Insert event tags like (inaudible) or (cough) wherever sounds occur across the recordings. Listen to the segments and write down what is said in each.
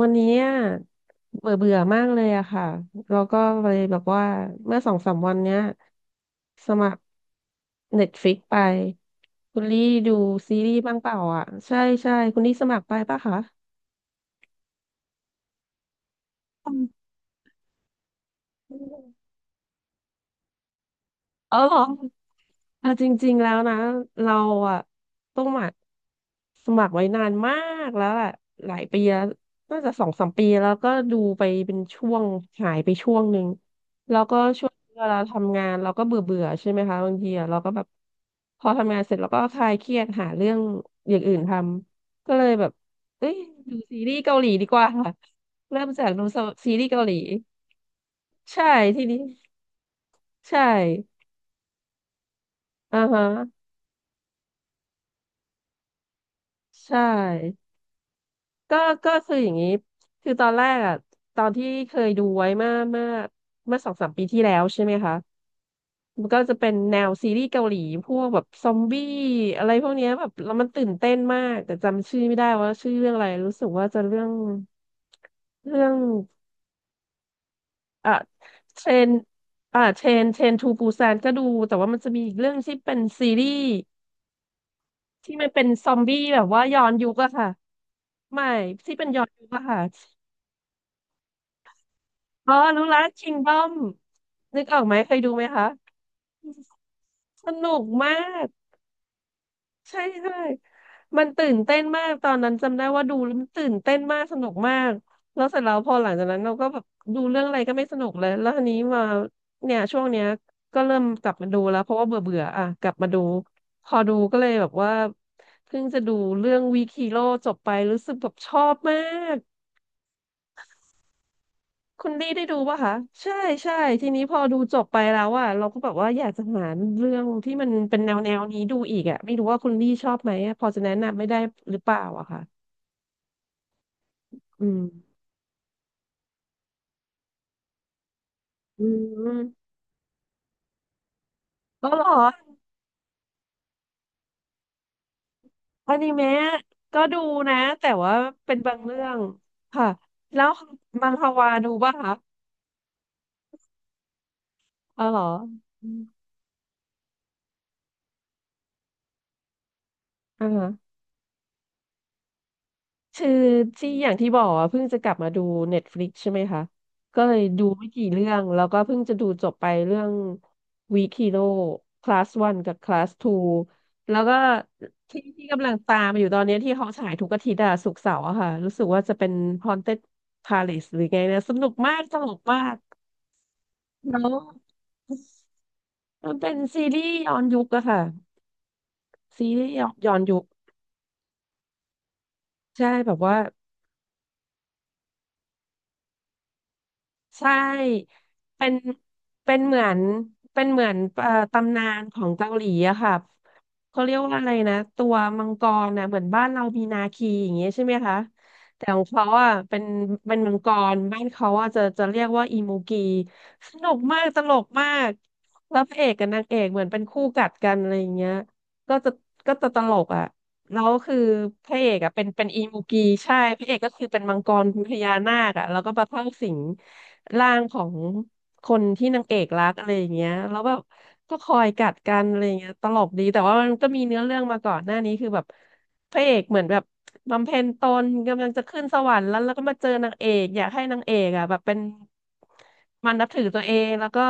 วันนี้อะเบื่อเบื่อมากเลยอะค่ะแล้วก็เลยแบบว่าเมื่อสองสามวันเนี้ยสมัครเน็ตฟ i ิกไปคุณลี่ดูซีรีส์บ้างเปล่าอ่ะใช่ใช่คุณลี่สมัครไปปะคะเออเหรอ เอาจริงๆแล้วนะเราอะต้องหมักสมัครไว้นานมากแล้วแหละหลายปีแล้วน่าจะสองสามปีแล้วก็ดูไปเป็นช่วงหายไปช่วงหนึ่งแล้วก็ช่วงเวลาทำงานเราก็เบื่อเบื่อใช่ไหมคะบางทีอะเราก็แบบพอทำงานเสร็จเราก็คลายเครียดหาเรื่องอย่างอื่นทำก็เลยแบบเอ้ยดูซีรีส์เกาหลีดีกว่าค่ะเริ่มจากดูซีรีส์เกาหลีใช่ที่นี้ใช่อ่าฮะใช่ ก็ก็คืออย่างนี้ คือตอนแรกอ่ะตอนที่เคยดูไว้เมื่อสองสามปีที่แล้วใช่ไหมคะมันก็จะเป็นแนวซีรีส์เกาหลีพวกแบบซอมบี้อะไรพวกเนี้ยแบบแล้วมันตื่นเต้นมากแต่จำชื่อไม่ได้ว่าชื่อเรื่องอะไรรู้สึกว่าจะเรื่องเรื่องอ่ะเทรนอ่ะเทรนทูปูซานก็ดูแต่ว่ามันจะมีอีกเรื่องที่เป็นซีรีส์ที่มันเป็นซอมบี้แบบว่าย้อนยุคอะค่ะไม่ที่เป็นย้อนยุคอะค่ะ อ๋อรู้ละ Kingdom นึกออกไหมเคยดูไหมคะ สนุกมากใช่ใช่มันตื่นเต้นมากตอนนั้นจำได้ว่าดูแล้วมันตื่นเต้นมากสนุกมากแล้วเสร็จแล้วพอหลังจากนั้นเราก็แบบดูเรื่องอะไรก็ไม่สนุกเลยแล้วทีนี้มาเนี่ยช่วงเนี้ยก็เริ่มกลับมาดูแล้วเพราะว่าเบื่อเบื่ออ่ะกลับมาดูพอดูก็เลยแบบว่าเพิ่งจะดูเรื่องวีคิโร่จบไปรู้สึกแบบชอบมาก คุณลี่ได้ดูป่ะคะใช่ใช่ทีนี้พอดูจบไปแล้วอ่ะเราก็แบบว่าอยากจะหาเรื่องที่มันเป็นแนวแนวนี้ดูอีกอ่ะไม่รู้ว่าคุณลี่ชอบไหมอะพอจะแนะนำไม่ได้หรือเปล่าอะค่ะอืมอืมก็เหรออนิเมะก็ดูนะแต่ว่าเป็นบางเรื่องค่ะแล้วมังฮวาดูป่ะคะเออเหรออืมอ่า คือที่อย่างที่บอกอ่ะเพิ่งจะกลับมาดู Netflix ใช่ไหมคะก็เลยดูไม่กี่เรื่องแล้วก็เพิ่งจะดูจบไปเรื่อง Weak Hero Class 1กับ Class 2แล้วก็ที่ที่กำลังตามอยู่ตอนนี้ที่เขาฉายทุกอาทิตย์อะศุกร์เสาร์อะค่ะรู้สึกว่าจะเป็น Haunted Palace หรือไงนะสนุกมากสนุกมากแล้วมันเป็นซีรีส์ย้อนยุคอะค่ะซีรีส์ย้อนยุคใช่แบบว่า ใช่เป็นเป็นเหมือนเป็นเหมือนตำนานของเกาหลีอะค่ะเขาเรียกว่าอะไรนะตัวมังกรนะเหมือนบ้านเรามีนาคีอย่างเงี้ยใช่ไหมคะแต่ของเขาอะเป็นเป็นมังกรบ้านเขาอะจะเรียกว่าอีมูกีสนุกมากตลกมากแล้วพระเอกกับนางเอกเหมือนเป็นคู่กัดกันอะไรอย่างเงี้ยก็จะก็จะตลกอะ แล้วคือพระเอกอะเป็นเป็นอีมูกีใช่พระเอกก็คือเป็นมังกรเป็นพญานาคอะแล้วก็มาเข้าสิงร่างของคนที่นางเอกรักอะไรอย่างเงี้ยแล้วแบบก็คอยกัดกันอะไรอย่างเงี้ยตลกดีแต่ว่ามันก็มีเนื้อเรื่องมาก่อนหน้านี้คือแบบพระเอกเหมือนแบบบำเพ็ญตนกำลังจะขึ้นสวรรค์แล้วแล้วก็มาเจอนางเอกอยากให้นางเอกอะแบบเป็นมันนับถือตัวเองแล้วก็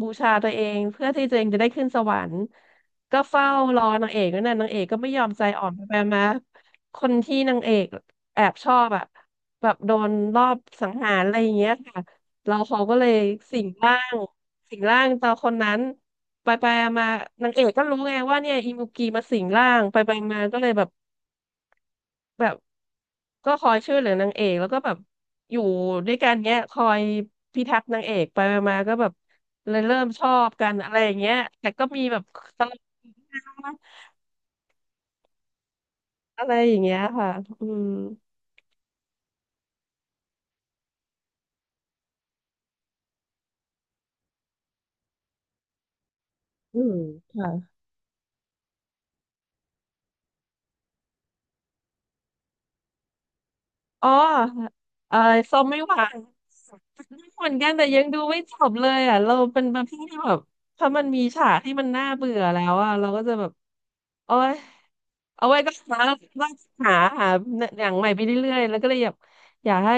บูชาตัวเองเพื่อที่ตัวเองจะได้ขึ้นสวรรค์ ก็เฝ้ารอนางเอกนั่นน่ะนางเอกก็ไม่ยอมใจอ่อนไปไปมาคนที่นางเอกแอบชอบอ่ะแบบโดนรอบสังหารอะไรอย่างเงี้ยค่ะเราเขาก็เลยสิงร่างสิงร่างตาคนนั้นไปไปมานางเอกก็รู้ไงว่าเนี่ยอิมุกีมาสิงร่างไปไปมาก็เลยแบบก็คอยช่วยเหลือนางเอกแล้วก็แบบอยู่ด้วยกันเนี้ยคอยพิทักษ์นางเอกไปไปมาก็แบบเลยเริ่มชอบกันอะไรอย่างเงี้ยแต่ก็มีแบบตลก อะไรอย่างเงี้ยค่ะอืมอืมค่ะอ๋อเออส้มไม่หวานเหมือนกันแต่ยังดูไม่จบเลยอ่ะเราเป็นประเภทที่แบบถ้ามันมีฉากที่มันน่าเบื่อแล้วอ่ะเราก็จะแบบโอ๊ยเอาไว้ก็หาหาหาหาหนังใหม่ไปเรื่อยๆแล้วก็เลยอยากให้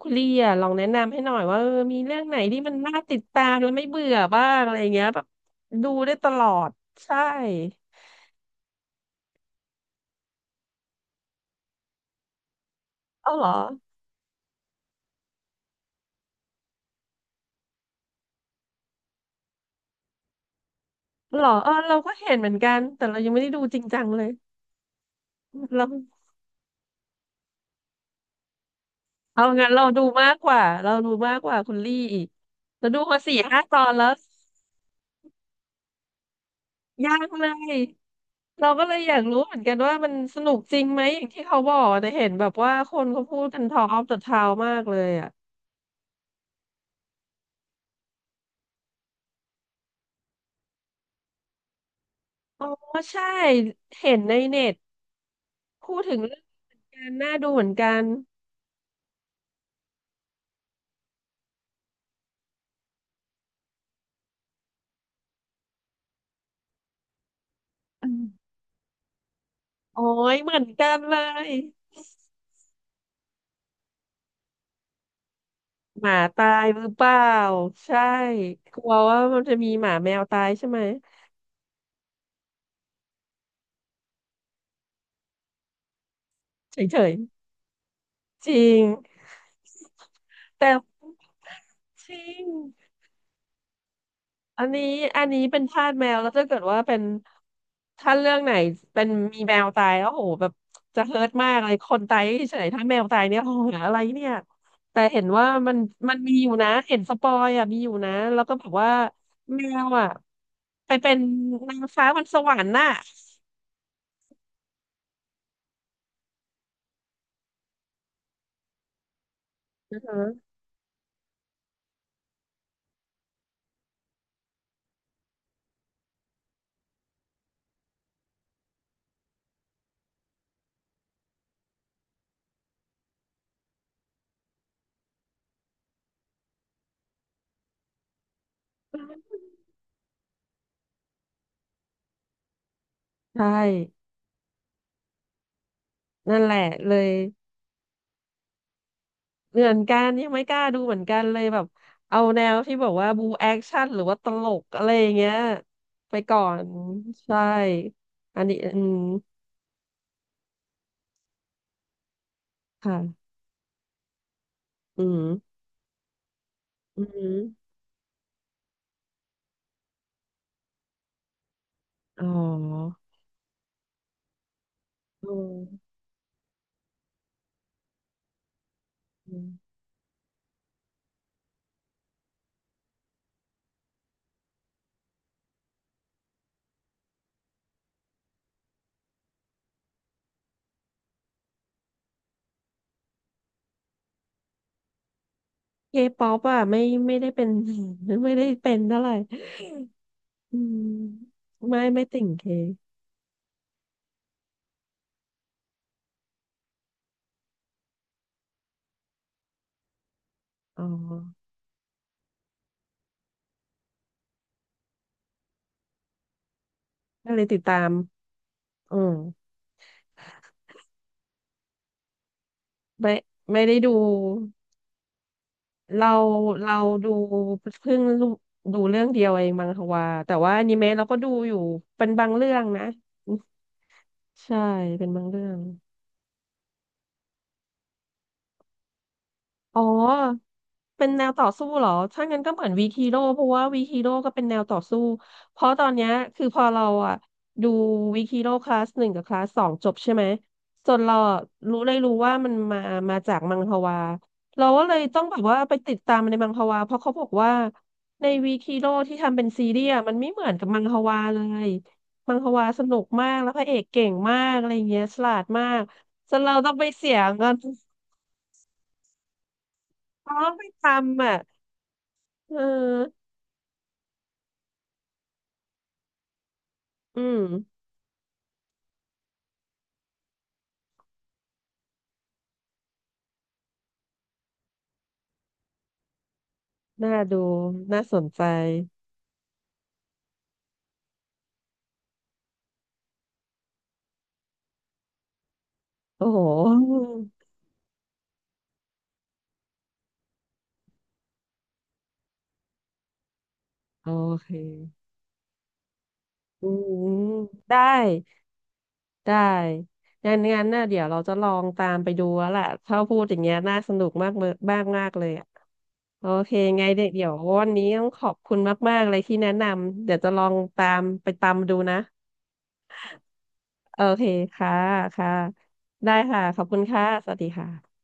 คุณลี่อ่ะลองแนะนำให้หน่อยว่ามีเรื่องไหนที่มันน่าติดตามแล้วไม่เบื่อบ้างอะไรเงี้ยแบบดูได้ตลอดใช่เอาเหรอ หรอเออเราก็เห็นเหมือนกัน แต่เรายังไม่ได้ดูจริงจังเลยเราเอางั้นเราดูมากกว่าเราดูมากกว่าคุณลี่อีกเราดูมาสี่ห้าตอนแล้วยากเลยเราก็เลยอยากรู้เหมือนกันว่ามันสนุกจริงไหมอย่างที่เขาบอกแต่เห็นแบบว่าคนเขาพูดกันทอล์ก a อ k of the t o w มากเลยอ่ะอ๋อใช่เห็นในเน็ตพูดถึงเรื่องการน่าดูเหมือนกันอืมโอ้ยเหมือนกันเลย หมาตายหรือเปล่าใช่กลัวว่ามันจะมีหมาแมวตายใช่ไหมเฉยๆจริงแต่จริงอันนี้อันนี้เป็นทาสแมวแล้วถ้าเกิดว่าเป็นถ้าเรื่องไหนเป็นมีแมวตายแล้วโหแบบจะเฮิร์ตมากเลยคนตายเฉยๆถ้าแมวตายเนี่ยโหอะไรเนี่ยแต่เห็นว่ามันมีอยู่นะเห็นสปอยอ่ะมีอยู่นะแล้วก็แบบว่าแมวอ่ะไปเป็นนางฟ้าบนสวรรค์น่ะ อือฮะใช่นั่นแหละเลยเหมือนกันยังไม่กล้าดูเหมือนกันเลยแบบเอาแนวที่บอกว่าบูแอคชั่นหรือว่าตลกอะไรอย่างเงี้ยไปก่อนใช่อันนี้อืมค่ะอืมอืมอ๋ออืมเคป๊อปอ่ะไม่ไม่ได้เป็น (laughs) ไม่ได้เป็นเท่าไหร่อืมไม่ติ่งเคอ๋อก็เลยติดตามอืมไม่ไม่ได้ดู เราเราดูเพิ่งรู้ดูเรื่องเดียวเองมังควาแต่ว่าอนิเมะเราก็ดูอยู่เป็นบางเรื่องนะใช่เป็นบางเรื่องอ๋อ เป็นแนวต่อสู้เหรอถ้างั้นก็เหมือนวีคีโร่เพราะว่าวีคีโร่ก็เป็นแนวต่อสู้เพราะตอนเนี้ยคือพอเราอะดูวีคีโร่คลาสหนึ่งกับคลาสสองจบใช่ไหมส่วนเราอะรู้เลยรู้ว่ามันมามาจากมังฮวาเราก็เลยต้องแบบว่าไปติดตามในมังฮวาเพราะเขาบอกว่าในวีคีโร่ที่ทำเป็นซีรีส์อะมันไม่เหมือนกับมังฮวาเลยมังฮวาสนุกมากแล้วพระเอกเก่งมากอะไรเงี้ยฉลาดมากจนเราต้องไปเสียเงิน (laughs) เราต้องไปทำอ่ะเออ อืมน่าดูน่าสนใจโอ้โหโอเคอืมได้ได้งั้นน่ะเดี๋ยวเราจะลองตามไปดูแล้วแหละถ้าพูดอย่างเงี้ยน่าสนุกมากเมมากมากเลยอะโอเคไงเดี๋ยววันนี้ต้องขอบคุณมากๆเลยที่แนะนำ เดี๋ยวจะลองตามไปตามดูนะโอเคค่ะค่ะได้ค่ะขอบคุณค่ะ สวัสดีค่ะ